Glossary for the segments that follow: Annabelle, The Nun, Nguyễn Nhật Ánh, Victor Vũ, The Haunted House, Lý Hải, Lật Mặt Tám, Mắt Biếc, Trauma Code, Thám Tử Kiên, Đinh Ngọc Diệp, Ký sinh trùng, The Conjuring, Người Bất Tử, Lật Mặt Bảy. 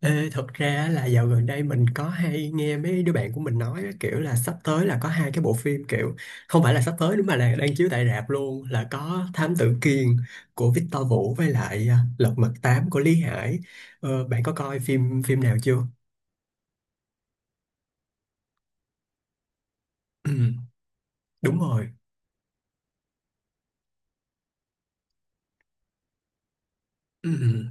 Ê, thật ra là dạo gần đây mình có hay nghe mấy đứa bạn của mình nói á, kiểu là sắp tới là có hai cái bộ phim kiểu không phải là sắp tới nữa mà là đang chiếu tại rạp luôn là có Thám Tử Kiên của Victor Vũ với lại Lật Mặt Tám của Lý Hải. Bạn có coi phim phim nào chưa? Ừ, đúng rồi. Ừ, ừ.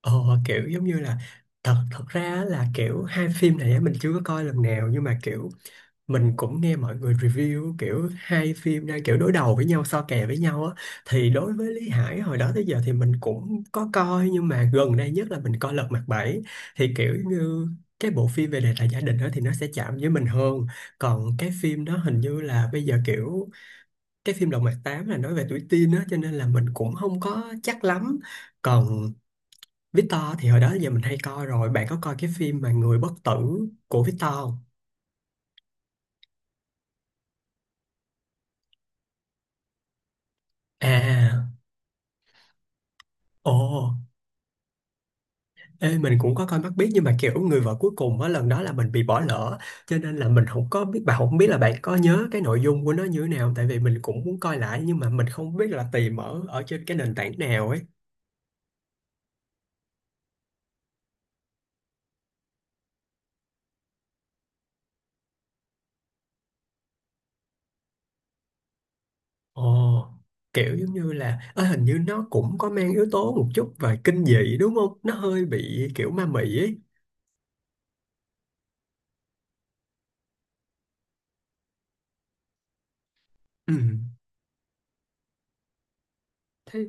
ờ, Kiểu giống như là thật thật ra là kiểu hai phim này á, mình chưa có coi lần nào nhưng mà kiểu mình cũng nghe mọi người review kiểu hai phim đang kiểu đối đầu với nhau so kè với nhau á thì đối với Lý Hải hồi đó tới giờ thì mình cũng có coi nhưng mà gần đây nhất là mình coi Lật Mặt Bảy thì kiểu như cái bộ phim về đề tài gia đình đó thì nó sẽ chạm với mình hơn, còn cái phim đó hình như là bây giờ kiểu cái phim Lật Mặt Tám là nói về tuổi teen á cho nên là mình cũng không có chắc lắm. Còn Victor thì hồi đó giờ mình hay coi rồi. Bạn có coi cái phim mà Người Bất Tử của Victor không? À. Ồ. Ê, mình cũng có coi Mắt Biếc nhưng mà kiểu người vợ cuối cùng á lần đó là mình bị bỏ lỡ cho nên là mình không có biết bạn không biết là bạn có nhớ cái nội dung của nó như thế nào tại vì mình cũng muốn coi lại nhưng mà mình không biết là tìm ở ở trên cái nền tảng nào ấy. Ồ, kiểu giống như là hình như nó cũng có mang yếu tố một chút về kinh dị đúng không? Nó hơi bị kiểu ma mị ấy. Ừ. Thế.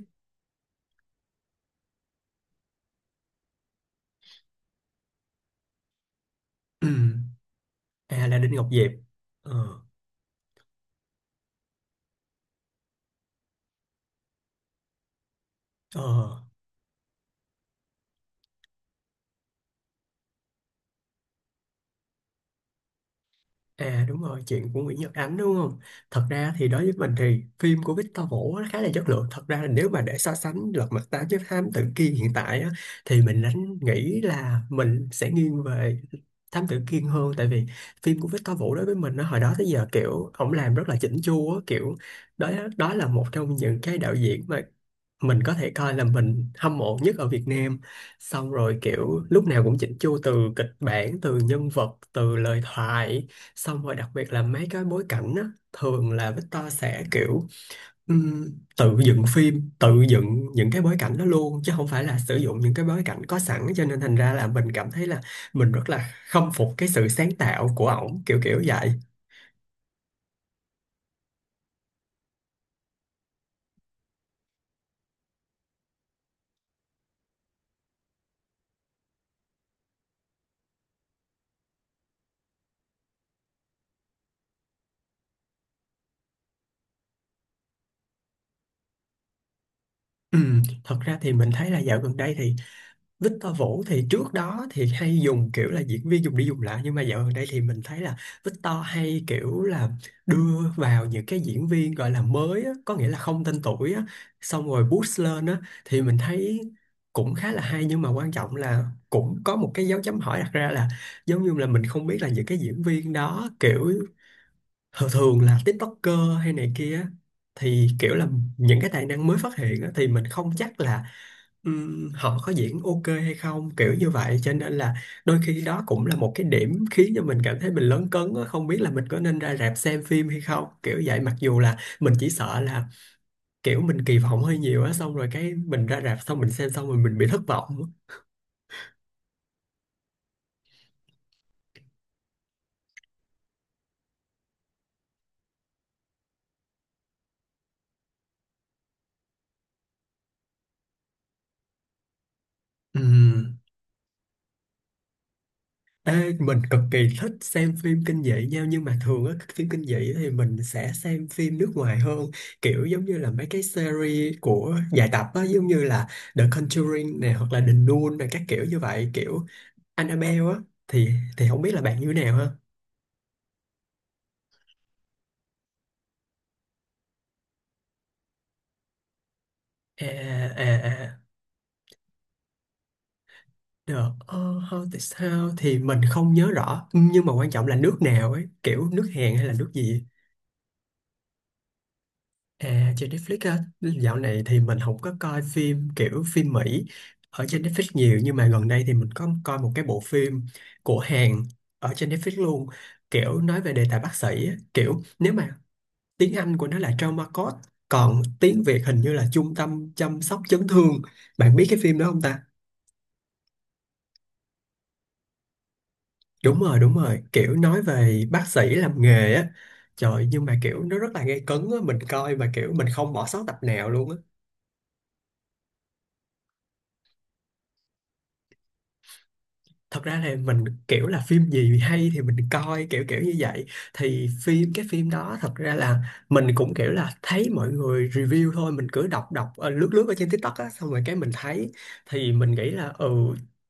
Ừ. À là Đinh Ngọc Diệp. Ờ. Ờ. À, đúng rồi, chuyện của Nguyễn Nhật Ánh đúng không? Thật ra thì đối với mình thì phim của Victor Vũ nó khá là chất lượng. Thật ra là nếu mà để so sánh Lật Mặt Tám với Thám Tử Kiên hiện tại á, thì mình nghĩ là mình sẽ nghiêng về Thám Tử Kiên hơn tại vì phim của Victor Vũ đối với mình nó hồi đó tới giờ kiểu ổng làm rất là chỉnh chu á, kiểu đó. Đó là một trong những cái đạo diễn mà mình có thể coi là mình hâm mộ nhất ở Việt Nam, xong rồi kiểu lúc nào cũng chỉnh chu từ kịch bản, từ nhân vật, từ lời thoại. Xong rồi đặc biệt là mấy cái bối cảnh á, thường là Victor sẽ kiểu ừm, tự dựng phim, tự dựng những cái bối cảnh đó luôn chứ không phải là sử dụng những cái bối cảnh có sẵn cho nên thành ra là mình cảm thấy là mình rất là khâm phục cái sự sáng tạo của ổng kiểu kiểu vậy. Thật ra thì mình thấy là dạo gần đây thì Victor Vũ thì trước đó thì hay dùng kiểu là diễn viên dùng đi dùng lại nhưng mà dạo gần đây thì mình thấy là Victor hay kiểu là đưa vào những cái diễn viên gọi là mới á, có nghĩa là không tên tuổi á, xong rồi boost lên á thì mình thấy cũng khá là hay nhưng mà quan trọng là cũng có một cái dấu chấm hỏi đặt ra là giống như là mình không biết là những cái diễn viên đó kiểu thường thường là TikToker hay này kia á, thì kiểu là những cái tài năng mới phát hiện á, thì mình không chắc là họ có diễn ok hay không kiểu như vậy cho nên là đôi khi đó cũng là một cái điểm khiến cho mình cảm thấy mình lấn cấn á, không biết là mình có nên ra rạp xem phim hay không kiểu vậy mặc dù là mình chỉ sợ là kiểu mình kỳ vọng hơi nhiều á xong rồi cái mình ra rạp xong mình xem xong rồi mình bị thất vọng á. Ê, mình cực kỳ thích xem phim kinh dị nhau nhưng mà thường á phim kinh dị thì mình sẽ xem phim nước ngoài hơn kiểu giống như là mấy cái series của dài tập á giống như là The Conjuring nè hoặc là The Nun nè các kiểu như vậy kiểu Annabelle á thì không biết là bạn như thế nào ha. À, à, à. The Haunted House thì mình không nhớ rõ nhưng mà quan trọng là nước nào ấy kiểu nước Hàn hay là nước gì. À, trên Netflix á, dạo này thì mình không có coi phim kiểu phim Mỹ ở trên Netflix nhiều nhưng mà gần đây thì mình có coi một cái bộ phim của Hàn ở trên Netflix luôn, kiểu nói về đề tài bác sĩ á, kiểu nếu mà tiếng Anh của nó là Trauma Code, còn tiếng Việt hình như là Trung Tâm Chăm Sóc Chấn Thương. Bạn biết cái phim đó không ta? Đúng rồi, kiểu nói về bác sĩ làm nghề á. Trời, nhưng mà kiểu nó rất là gay cấn á, mình coi mà kiểu mình không bỏ sót tập nào luôn á. Thật ra là mình kiểu là phim gì hay thì mình coi kiểu kiểu như vậy thì cái phim đó thật ra là mình cũng kiểu là thấy mọi người review thôi mình cứ đọc đọc lướt lướt ở trên TikTok á xong rồi cái mình thấy thì mình nghĩ là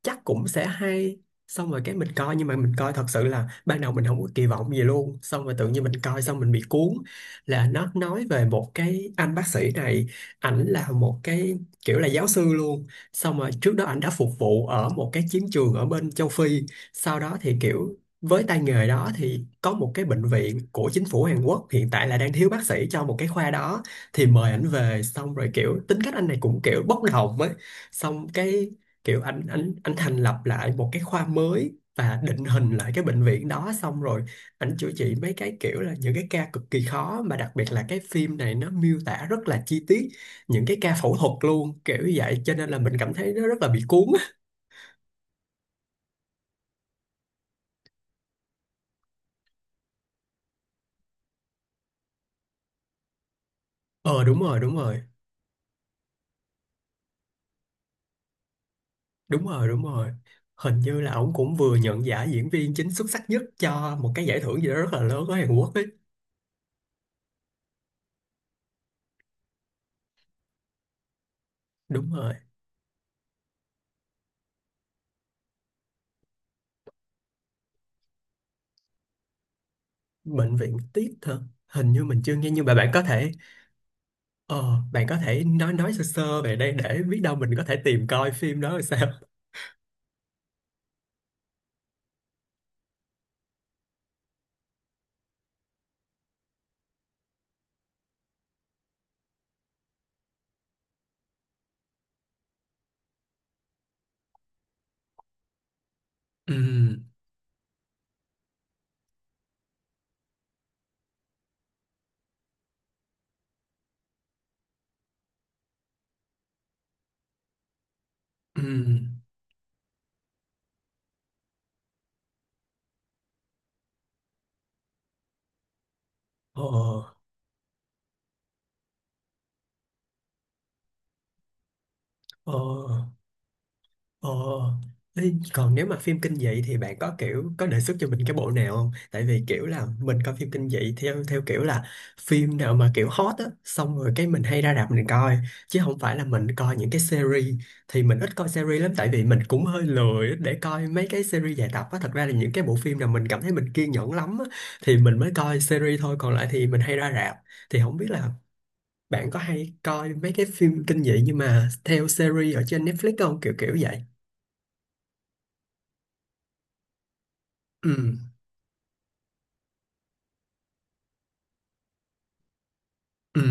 chắc cũng sẽ hay xong rồi cái mình coi nhưng mà mình coi thật sự là ban đầu mình không có kỳ vọng gì luôn xong rồi tự nhiên mình coi xong mình bị cuốn, là nó nói về một cái anh bác sĩ này, ảnh là một cái kiểu là giáo sư luôn, xong rồi trước đó ảnh đã phục vụ ở một cái chiến trường ở bên châu Phi, sau đó thì kiểu với tay nghề đó thì có một cái bệnh viện của chính phủ Hàn Quốc hiện tại là đang thiếu bác sĩ cho một cái khoa đó thì mời ảnh về xong rồi kiểu tính cách anh này cũng kiểu bốc đồng ấy xong cái kiểu anh thành lập lại một cái khoa mới và định hình lại cái bệnh viện đó xong rồi ảnh chữa trị mấy cái kiểu là những cái ca cực kỳ khó mà đặc biệt là cái phim này nó miêu tả rất là chi tiết những cái ca phẫu thuật luôn kiểu như vậy cho nên là mình cảm thấy nó rất là bị cuốn á. Ờ Đúng rồi, đúng rồi. Đúng rồi, đúng rồi, hình như là ổng cũng vừa nhận giải diễn viên chính xuất sắc nhất cho một cái giải thưởng gì đó rất là lớn ở Hàn Quốc ấy. Đúng rồi. Bệnh viện tiết hả? Hình như mình chưa nghe nhưng mà bạn có thể nói sơ sơ về đây để biết đâu mình có thể tìm coi phim đó là sao. Ừ. Ừ. Ờ. Ờ. Ồ, ê, còn nếu mà phim kinh dị thì bạn có kiểu có đề xuất cho mình cái bộ nào không? Tại vì kiểu là mình coi phim kinh dị theo theo kiểu là phim nào mà kiểu hot á, xong rồi cái mình hay ra rạp mình coi chứ không phải là mình coi những cái series thì mình ít coi series lắm tại vì mình cũng hơi lười để coi mấy cái series dài tập á. Thật ra là những cái bộ phim nào mình cảm thấy mình kiên nhẫn lắm á, thì mình mới coi series thôi, còn lại thì mình hay ra rạp. Thì không biết là bạn có hay coi mấy cái phim kinh dị nhưng mà theo series ở trên Netflix không? Kiểu kiểu vậy. Ừ. Ừ.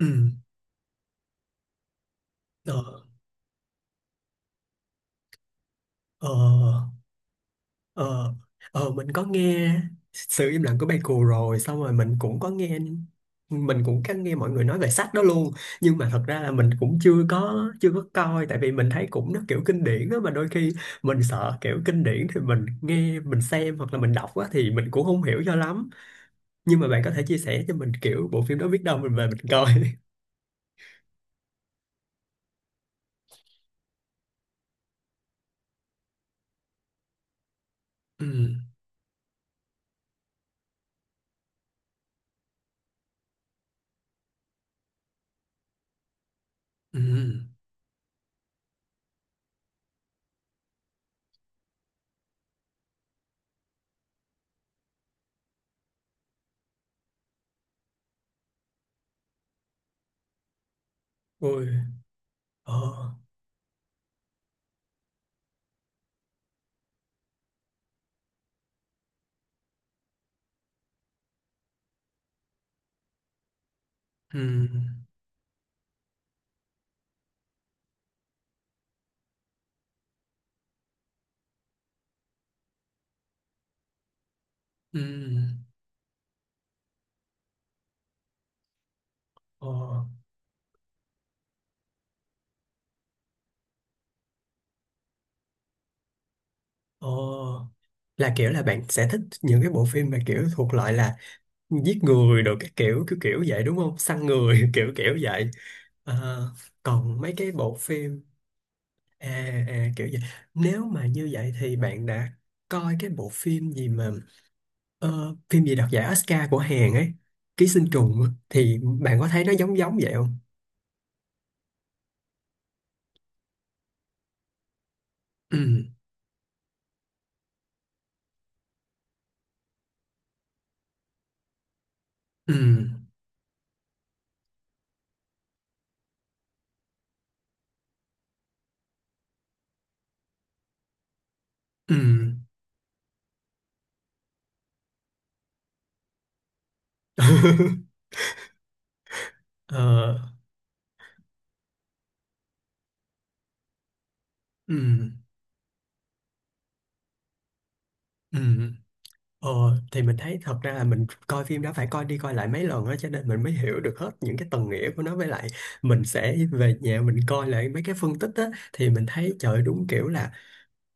Ừ. Ờ. Ờ. Ờ. Mình có nghe sự im lặng của bài cù rồi xong rồi mình cũng có nghe mọi người nói về sách đó luôn nhưng mà thật ra là mình cũng chưa có coi tại vì mình thấy cũng nó kiểu kinh điển đó mà đôi khi mình sợ kiểu kinh điển thì mình nghe mình xem hoặc là mình đọc á thì mình cũng không hiểu cho lắm nhưng mà bạn có thể chia sẻ cho mình kiểu bộ phim đó biết đâu mình về mình coi. Ừ. Ừ. Ôi. Ờ. Ừ. Ừ. Ờ. Ồ, là kiểu là bạn sẽ thích những cái bộ phim mà kiểu thuộc loại là giết người đồ cái kiểu kiểu kiểu vậy đúng không? Săn người kiểu kiểu vậy. Ờ, còn mấy cái bộ phim. À, à, kiểu vậy. Nếu mà như vậy thì bạn đã coi cái bộ phim gì mà phim gì đoạt giải Oscar của Hàn ấy, Ký Sinh Trùng á, thì bạn có thấy nó giống giống vậy không? Ừ, ừ, ừ. Ờ, ừ, ừ. Ờ, thì mình thấy thật ra là mình coi phim đó phải coi đi coi lại mấy lần đó cho nên mình mới hiểu được hết những cái tầng nghĩa của nó với lại mình sẽ về nhà mình coi lại mấy cái phân tích á thì mình thấy trời ơi, đúng kiểu là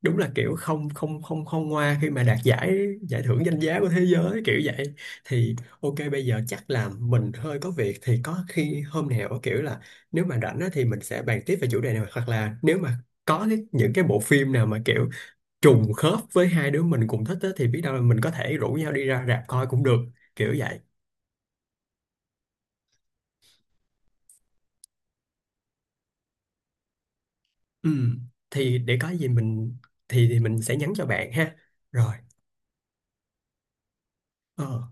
đúng là kiểu không không không không ngoa khi mà đạt giải giải thưởng danh giá của thế giới kiểu vậy thì ok bây giờ chắc là mình hơi có việc thì có khi hôm nào kiểu là nếu mà rảnh á thì mình sẽ bàn tiếp về chủ đề này hoặc là nếu mà có những cái bộ phim nào mà kiểu trùng khớp với hai đứa mình cùng thích á, thì biết đâu là mình có thể rủ nhau đi ra rạp coi cũng được kiểu vậy. Ừ. Thì để có gì mình thì mình sẽ nhắn cho bạn ha. Rồi. Ờ.